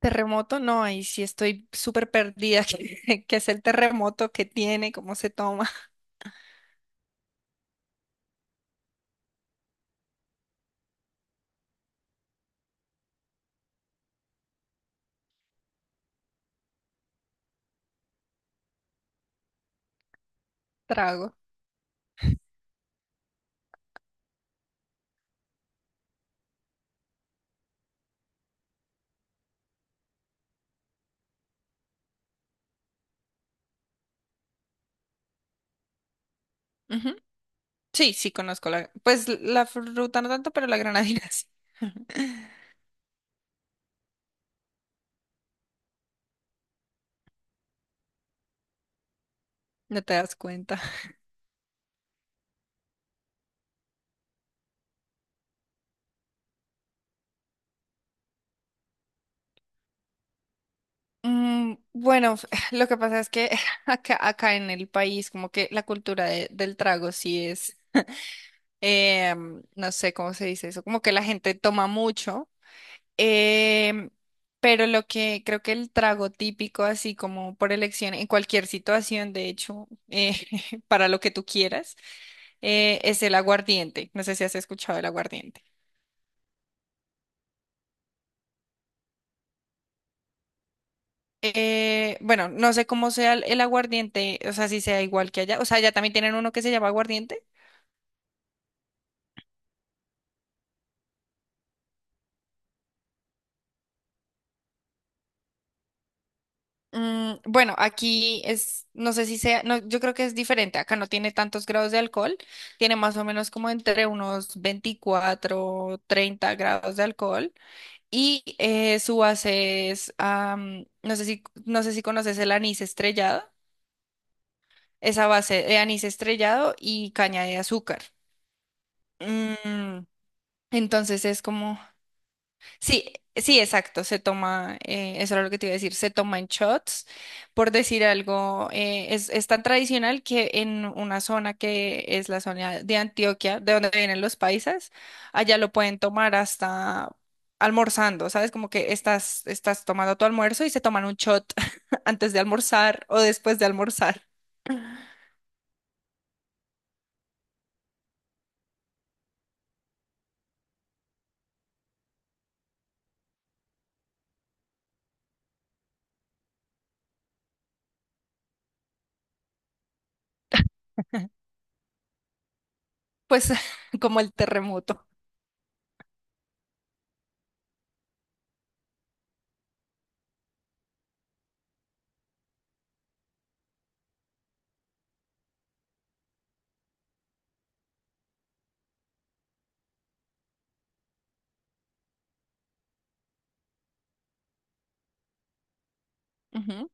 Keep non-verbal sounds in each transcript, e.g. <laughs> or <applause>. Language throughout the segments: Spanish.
Terremoto, no, ahí sí estoy súper perdida. <laughs> ¿Qué es el terremoto? ¿Qué tiene? ¿Cómo se toma? <laughs> Trago. Ujú. Sí, sí, conozco la. Pues la fruta no tanto, pero la granadina sí. <laughs> No te das cuenta. Bueno, <sighs> lo que pasa es que <laughs> acá en el país, como que la cultura del trago sí es, no sé cómo se dice eso, como que la gente toma mucho. Em, pero lo que creo que el trago típico, así como por elección, en cualquier situación, de hecho, <laughs> para lo que tú quieras, es el aguardiente. No sé si has escuchado el aguardiente. Bueno, no sé cómo sea el aguardiente, o sea, si sea igual que allá. O sea, allá también tienen uno que se llama aguardiente. Bueno, aquí es, no sé si sea, no, yo creo que es diferente. Acá no tiene tantos grados de alcohol, tiene más o menos como entre unos 24 30 grados de alcohol. Y su base es, no sé si conoces el anís estrellado, esa base de anís estrellado y caña de azúcar. Mm, entonces es como. Sí, sí, exacto, se toma, eso era lo que te iba a decir, se toma en shots, por decir algo, es tan tradicional que en una zona que es la zona de Antioquia, de donde vienen los paisas, allá lo pueden tomar hasta almorzando, ¿sabes? Como que estás tomando tu almuerzo y se toman un shot <laughs> antes de almorzar o después de almorzar, pues <laughs> como el terremoto. Ujú.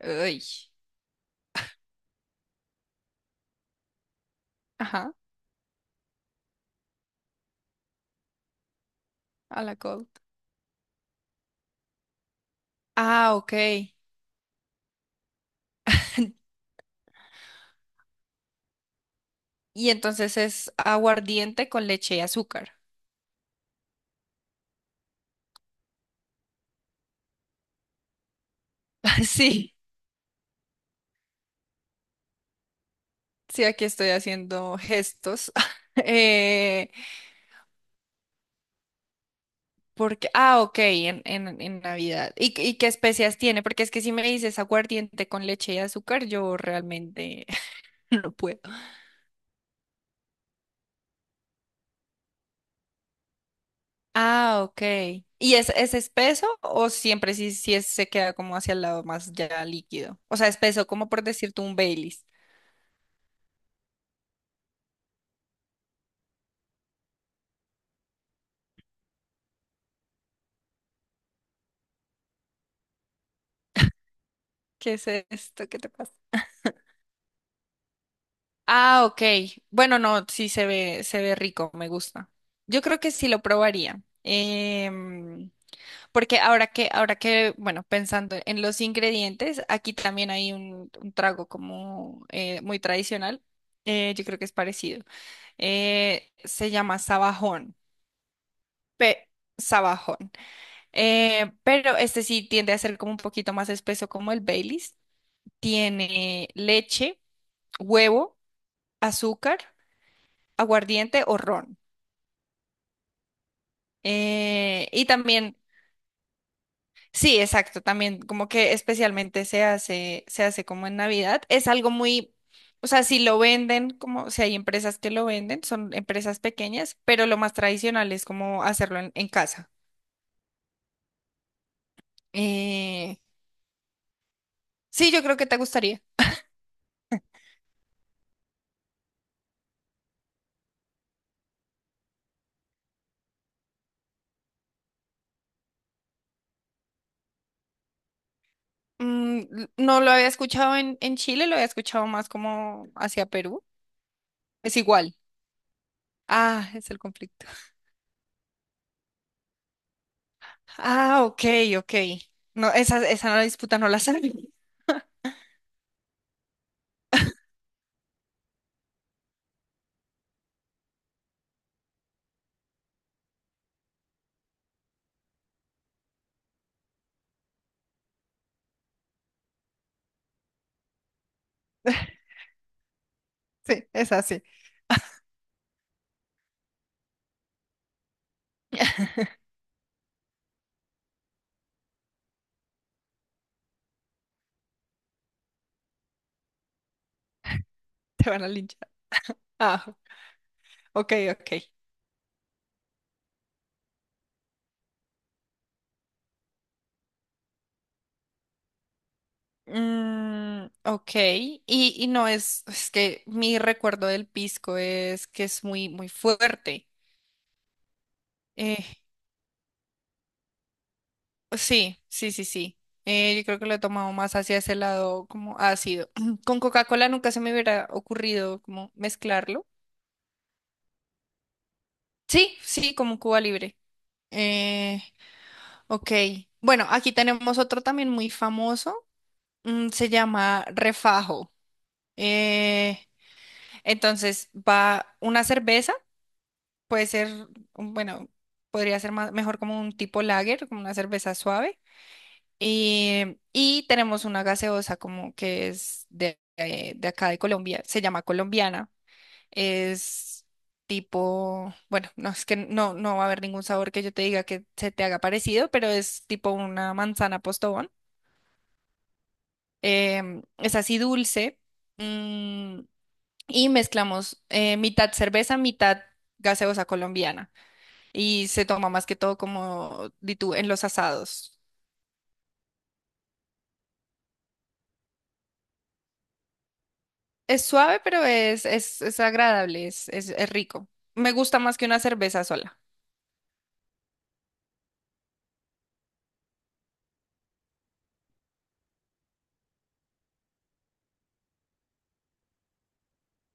Uy. Ajá, a la cold. Ah, ok. <laughs> Y entonces es aguardiente con leche y azúcar. <laughs> Sí, sí, aquí estoy haciendo gestos. <laughs> Eh, Porque, ah, ok, en Navidad. ¿Y, y qué especias tiene? Porque es que si me dices aguardiente con leche y azúcar, yo realmente <laughs> no puedo. Ah, ok. ¿Y es espeso o siempre sí, sí se queda como hacia el lado más ya líquido? O sea, espeso, como por decirte un Baileys. ¿Qué es esto? ¿Qué te pasa? Ah, ok. Bueno, no, sí se ve rico, me gusta. Yo creo que sí lo probaría. em, Porque ahora que, bueno, pensando en los ingredientes, aquí también hay un trago como muy tradicional. Yo creo que es parecido. Se llama sabajón. Pe- Sabajón. Pero este sí tiende a ser como un poquito más espeso como el Baileys. Tiene leche, huevo, azúcar, aguardiente o ron. Y también, sí, exacto, también como que especialmente se hace, como en Navidad. Es algo muy, o sea, si lo venden, como, o sea, hay empresas que lo venden, son empresas pequeñas, pero lo más tradicional es como hacerlo en, casa. Eh, sí, yo creo que te gustaría. No lo había escuchado en, Chile, lo había escuchado más como hacia Perú. Es igual. Ah, es el conflicto. <laughs> Ah, ok, ok. No, esa disputa no la sabía. <laughs> Sí, es así. <laughs> <laughs> Te van a linchar. Ah, ok, ok. Ok, y no es, es que mi recuerdo del pisco es que es muy, muy fuerte. Eh, sí, sí, sí, sí. Yo creo que lo he tomado más hacia ese lado como ácido. <clears throat> Con Coca-Cola nunca se me hubiera ocurrido como mezclarlo. Sí, sí, como Cuba Libre. Eh, ok, bueno, aquí tenemos otro también muy famoso. Se llama Refajo. Eh, Entonces va una cerveza, puede ser, bueno, podría ser más, mejor como un tipo lager, como una cerveza suave. Y tenemos una gaseosa como que es de acá de Colombia, se llama colombiana. Es tipo, bueno, no es que no, no va a haber ningún sabor que yo te diga que se te haga parecido, pero es tipo una manzana postobón. Es así dulce. mm, y mezclamos mitad cerveza, mitad gaseosa colombiana y se toma más que todo como di tú, en los asados. Es suave, pero es agradable, es rico. Me gusta más que una cerveza sola.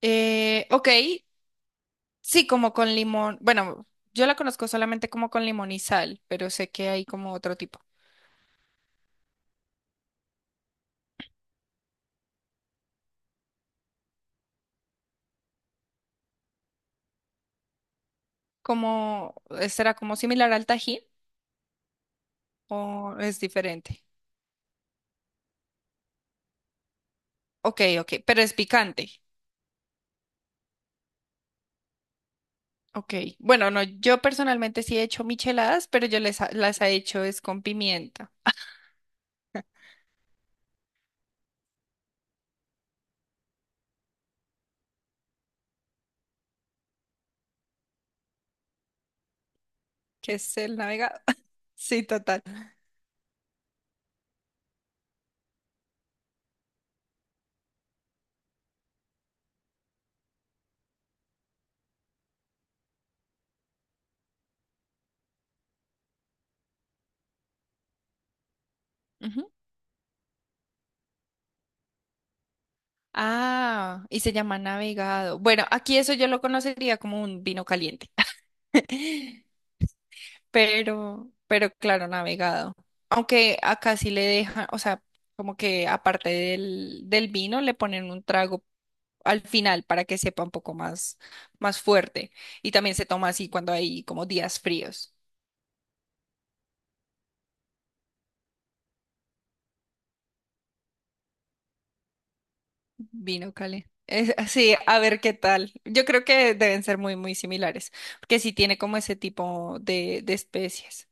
Ok, sí, como con limón. Bueno, yo la conozco solamente como con limón y sal, pero sé que hay como otro tipo. Como, ¿será como similar al Tajín o es diferente? Ok, ok, pero es picante. Ok, bueno, no, yo personalmente sí he hecho micheladas, pero yo les las he hecho es con pimienta, que es el navegado. <laughs> Sí, total. Ujú. Ah, y se llama navegado. Bueno, aquí eso yo lo conocería como un vino caliente, <laughs> pero claro, navegado. Aunque acá sí le dejan, o sea, como que aparte del vino le ponen un trago al final para que sepa un poco más, más fuerte. Y también se toma así cuando hay como días fríos. Vino Cali. Sí, a ver qué tal. Yo creo que deben ser muy, muy similares, porque sí tiene como ese tipo de especies.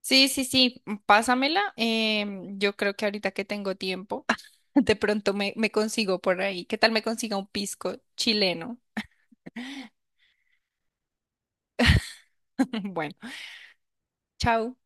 Sí, sí, sí, pásamela. Yo creo que ahorita que tengo tiempo, <laughs> de pronto me consigo por ahí. ¿Qué tal me consiga un pisco chileno? <laughs> Bueno, chao.